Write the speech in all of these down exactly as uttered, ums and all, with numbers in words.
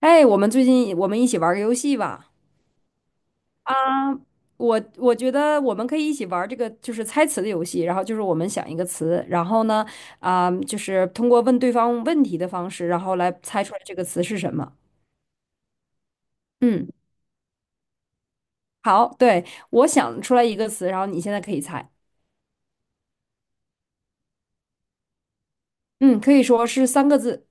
哎，我们最近我们一起玩个游戏吧。我我觉得我们可以一起玩这个就是猜词的游戏，然后就是我们想一个词，然后呢，啊、就是通过问对方问题的方式，然后来猜出来这个词是什么。嗯，好，对，我想出来一个词，然后你现在可以猜。嗯，可以说是三个字，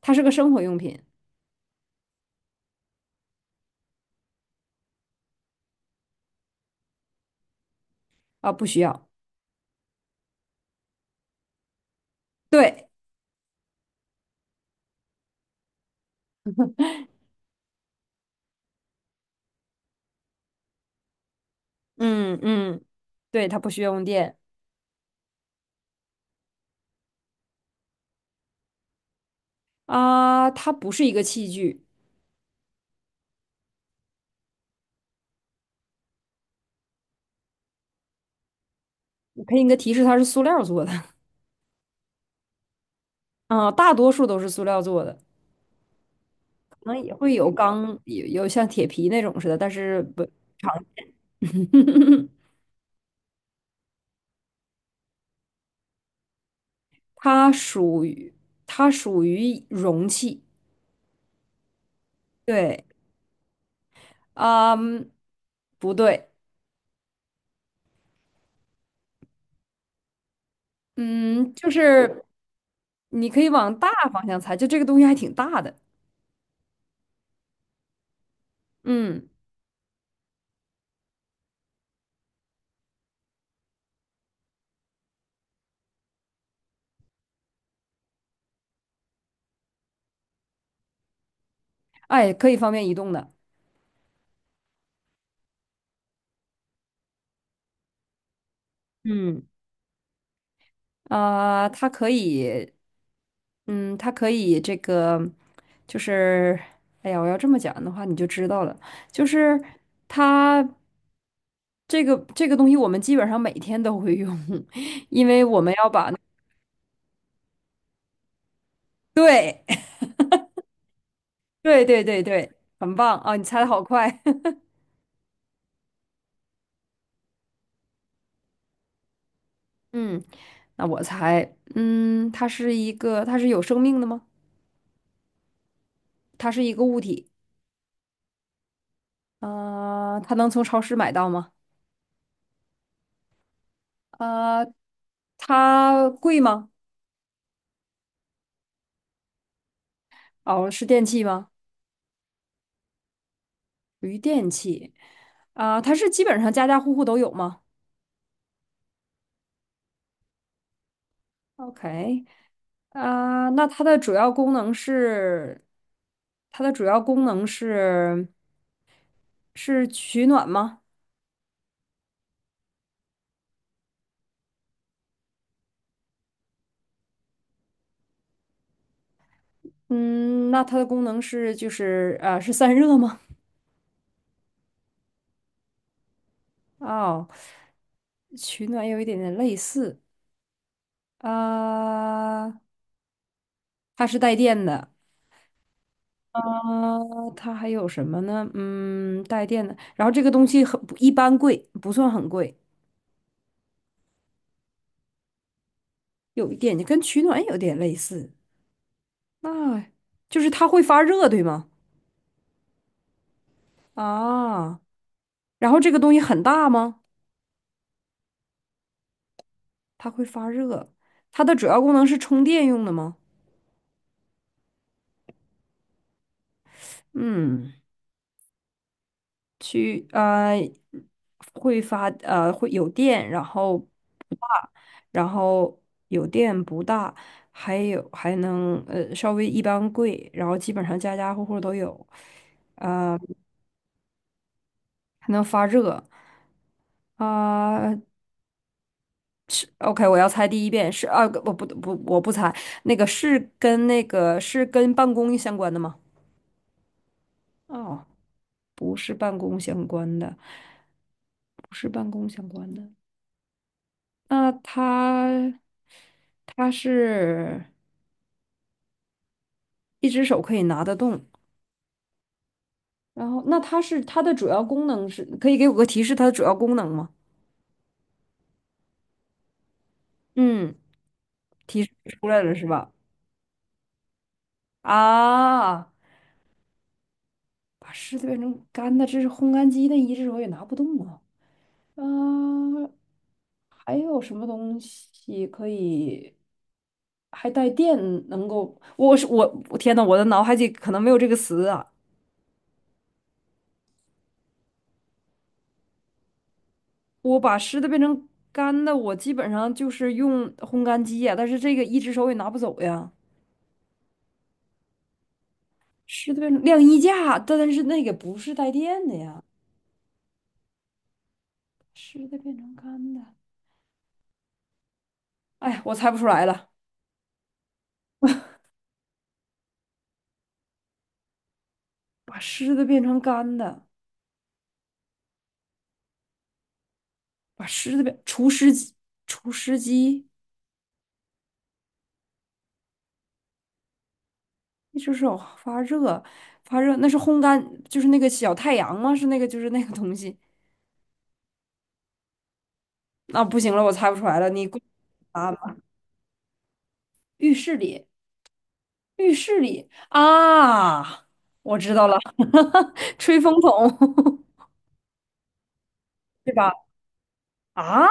它是个生活用品。啊、不需要。对。嗯嗯，对，它不需要用电。啊、它不是一个器具。我给你个提示，它是塑料做的。啊、大多数都是塑料做的。可能也会有钢，有有像铁皮那种似的，但是不，它属于它属于容器。对，啊，不对，嗯，就是你可以往大方向猜，就这个东西还挺大的。嗯，哎，可以方便移动的。嗯，啊、它可以嗯，它可以这个，就是，哎呀，我要这么讲的话，你就知道了。就是它这个这个东西，我们基本上每天都会用，因为我们要把对 对对对对，很棒啊！你猜的好快。嗯，那我猜，嗯，它是一个，它是有生命的吗？它是一个物体。呃，它能从超市买到吗？呃，它贵吗？哦，是电器吗？于电器啊，它是基本上家家户户都有吗？OK，啊，那它的主要功能是它的主要功能是是取暖吗？嗯，那它的功能是就是呃是散热吗？哦，取暖有一点点类似啊，它是带电的。啊，它还有什么呢？嗯，带电的。然后这个东西很不一般贵，不算很贵，有一点跟取暖有点类似。那就是它会发热，对吗？啊，然后这个东西很大吗？它会发热，它的主要功能是充电用的吗？嗯，去呃会发呃会有电，然后不大，然后有电不大，还有还能呃稍微一般贵，然后基本上家家户户都有，还能发热啊，OK，我要猜第一遍是啊，我不不我不猜，那个是跟那个是跟办公相关的吗？哦，是办公相关的，不是办公相关的。那它它是一只手可以拿得动，然后那它是它的主要功能是，可以给我个提示它的主要功能吗？嗯，提示出来了是吧？啊，把湿的变成干的，这是烘干机，那一只手也拿不动啊。嗯、还有什么东西可以还带电？能够，我是我，我天呐，我的脑海里可能没有这个词啊。我把湿的变成干的，我基本上就是用烘干机呀、但是这个一只手也拿不走呀。湿的变成晾衣架，但是那个不是带电的呀。湿的变成干的，哎呀，我猜不出来了。把湿的变成干的，把湿的变除湿机，除湿机。一只手发热，发热，那是烘干，就是那个小太阳吗？是那个，就是那个东西。啊，不行了，我猜不出来了，你啊，浴室里，浴室里啊，我知道了，吹风筒，对吧？啊，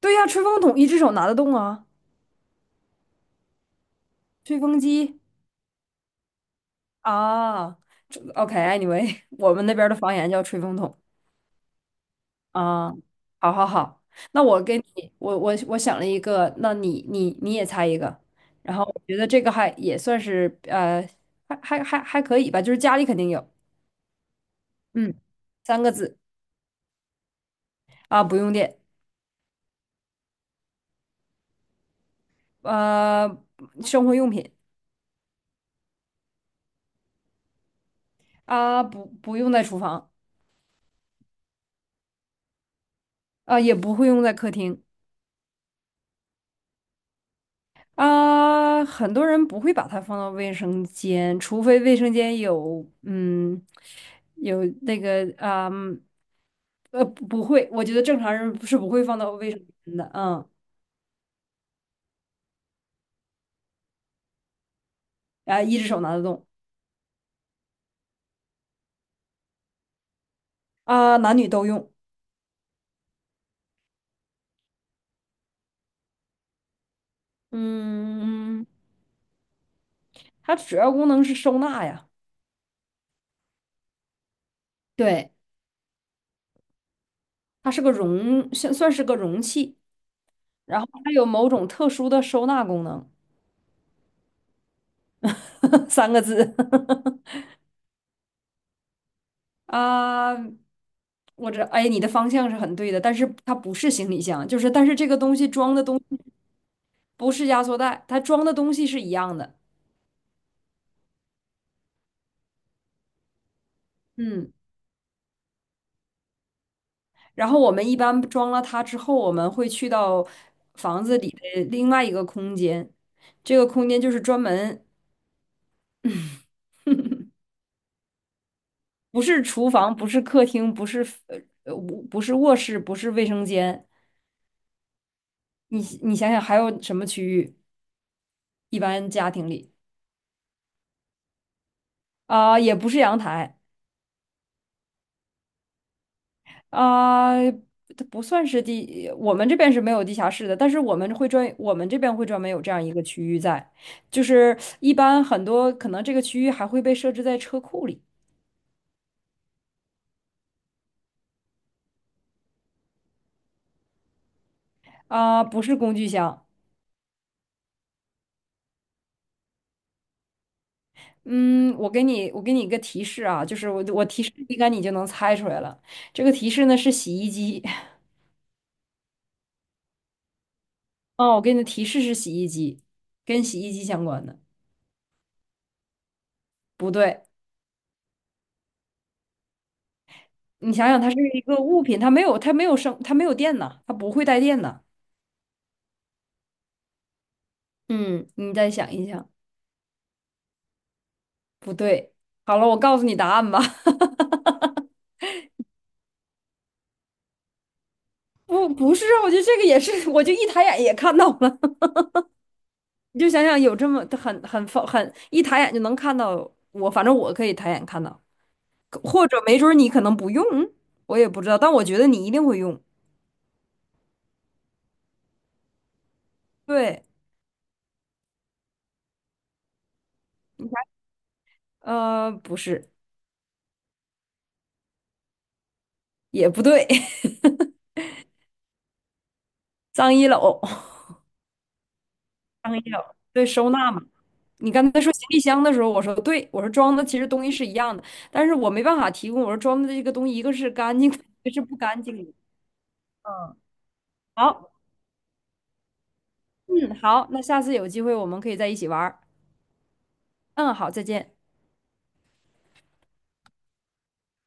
对呀，吹风筒一只手拿得动啊，吹风机啊这，OK，anyway，我们那边儿的方言叫吹风筒。啊，好好好，那我跟你，我我我想了一个，那你你你也猜一个，然后我觉得这个还也算是呃，还还还还可以吧，就是家里肯定有。嗯，三个字。啊，不用电。呃，生活用品。啊，不不用在厨房。啊，也不会用在客厅。啊，很多人不会把它放到卫生间，除非卫生间有嗯有那个啊。嗯呃，不不会，我觉得正常人是不会放到卫生间的。嗯，啊，一只手拿得动。啊，男女都用。嗯，它主要功能是收纳呀。对，它是个容，算算是个容器，然后它有某种特殊的收纳功能。三个字。啊，我这，哎，你的方向是很对的，但是它不是行李箱，就是但是这个东西装的东不是压缩袋，它装的东西是一样的。嗯。然后我们一般装了它之后，我们会去到房子里的另外一个空间，这个空间就是专门 不是厨房，不是客厅，不是呃呃不不是卧室，不是卫生间。你你想想还有什么区域？一般家庭里啊、也不是阳台。啊、它不算是地，我们这边是没有地下室的，但是我们会专我们这边会专门有这样一个区域在，就是一般很多可能这个区域还会被设置在车库里。啊、不是工具箱。嗯，我给你，我给你一个提示啊，就是我我提示应该你就能猜出来了。这个提示呢是洗衣机。哦，我给你的提示是洗衣机，跟洗衣机相关的。不对，你想想，它是一个物品，它没有，它没有生，它没有电呐，它不会带电呐。嗯，你再想一想，不对。好了，我告诉你答案吧。不，不是，啊，我觉得这个也是，我就一抬眼也看到了。你就想想，有这么很很很一抬眼就能看到我，反正我可以抬眼看到。或者没准儿你可能不用，我也不知道，但我觉得你一定会用。对，你想，呃，不是，也不对。脏衣篓。脏衣篓，对，收纳嘛。你刚才说行李箱的时候，我说对，我说装的其实东西是一样的，但是我没办法提供，我说装的这个东西一个是干净的 一个是不干净的。嗯，好。嗯，好，那下次有机会我们可以在一起玩儿。嗯，好，再见。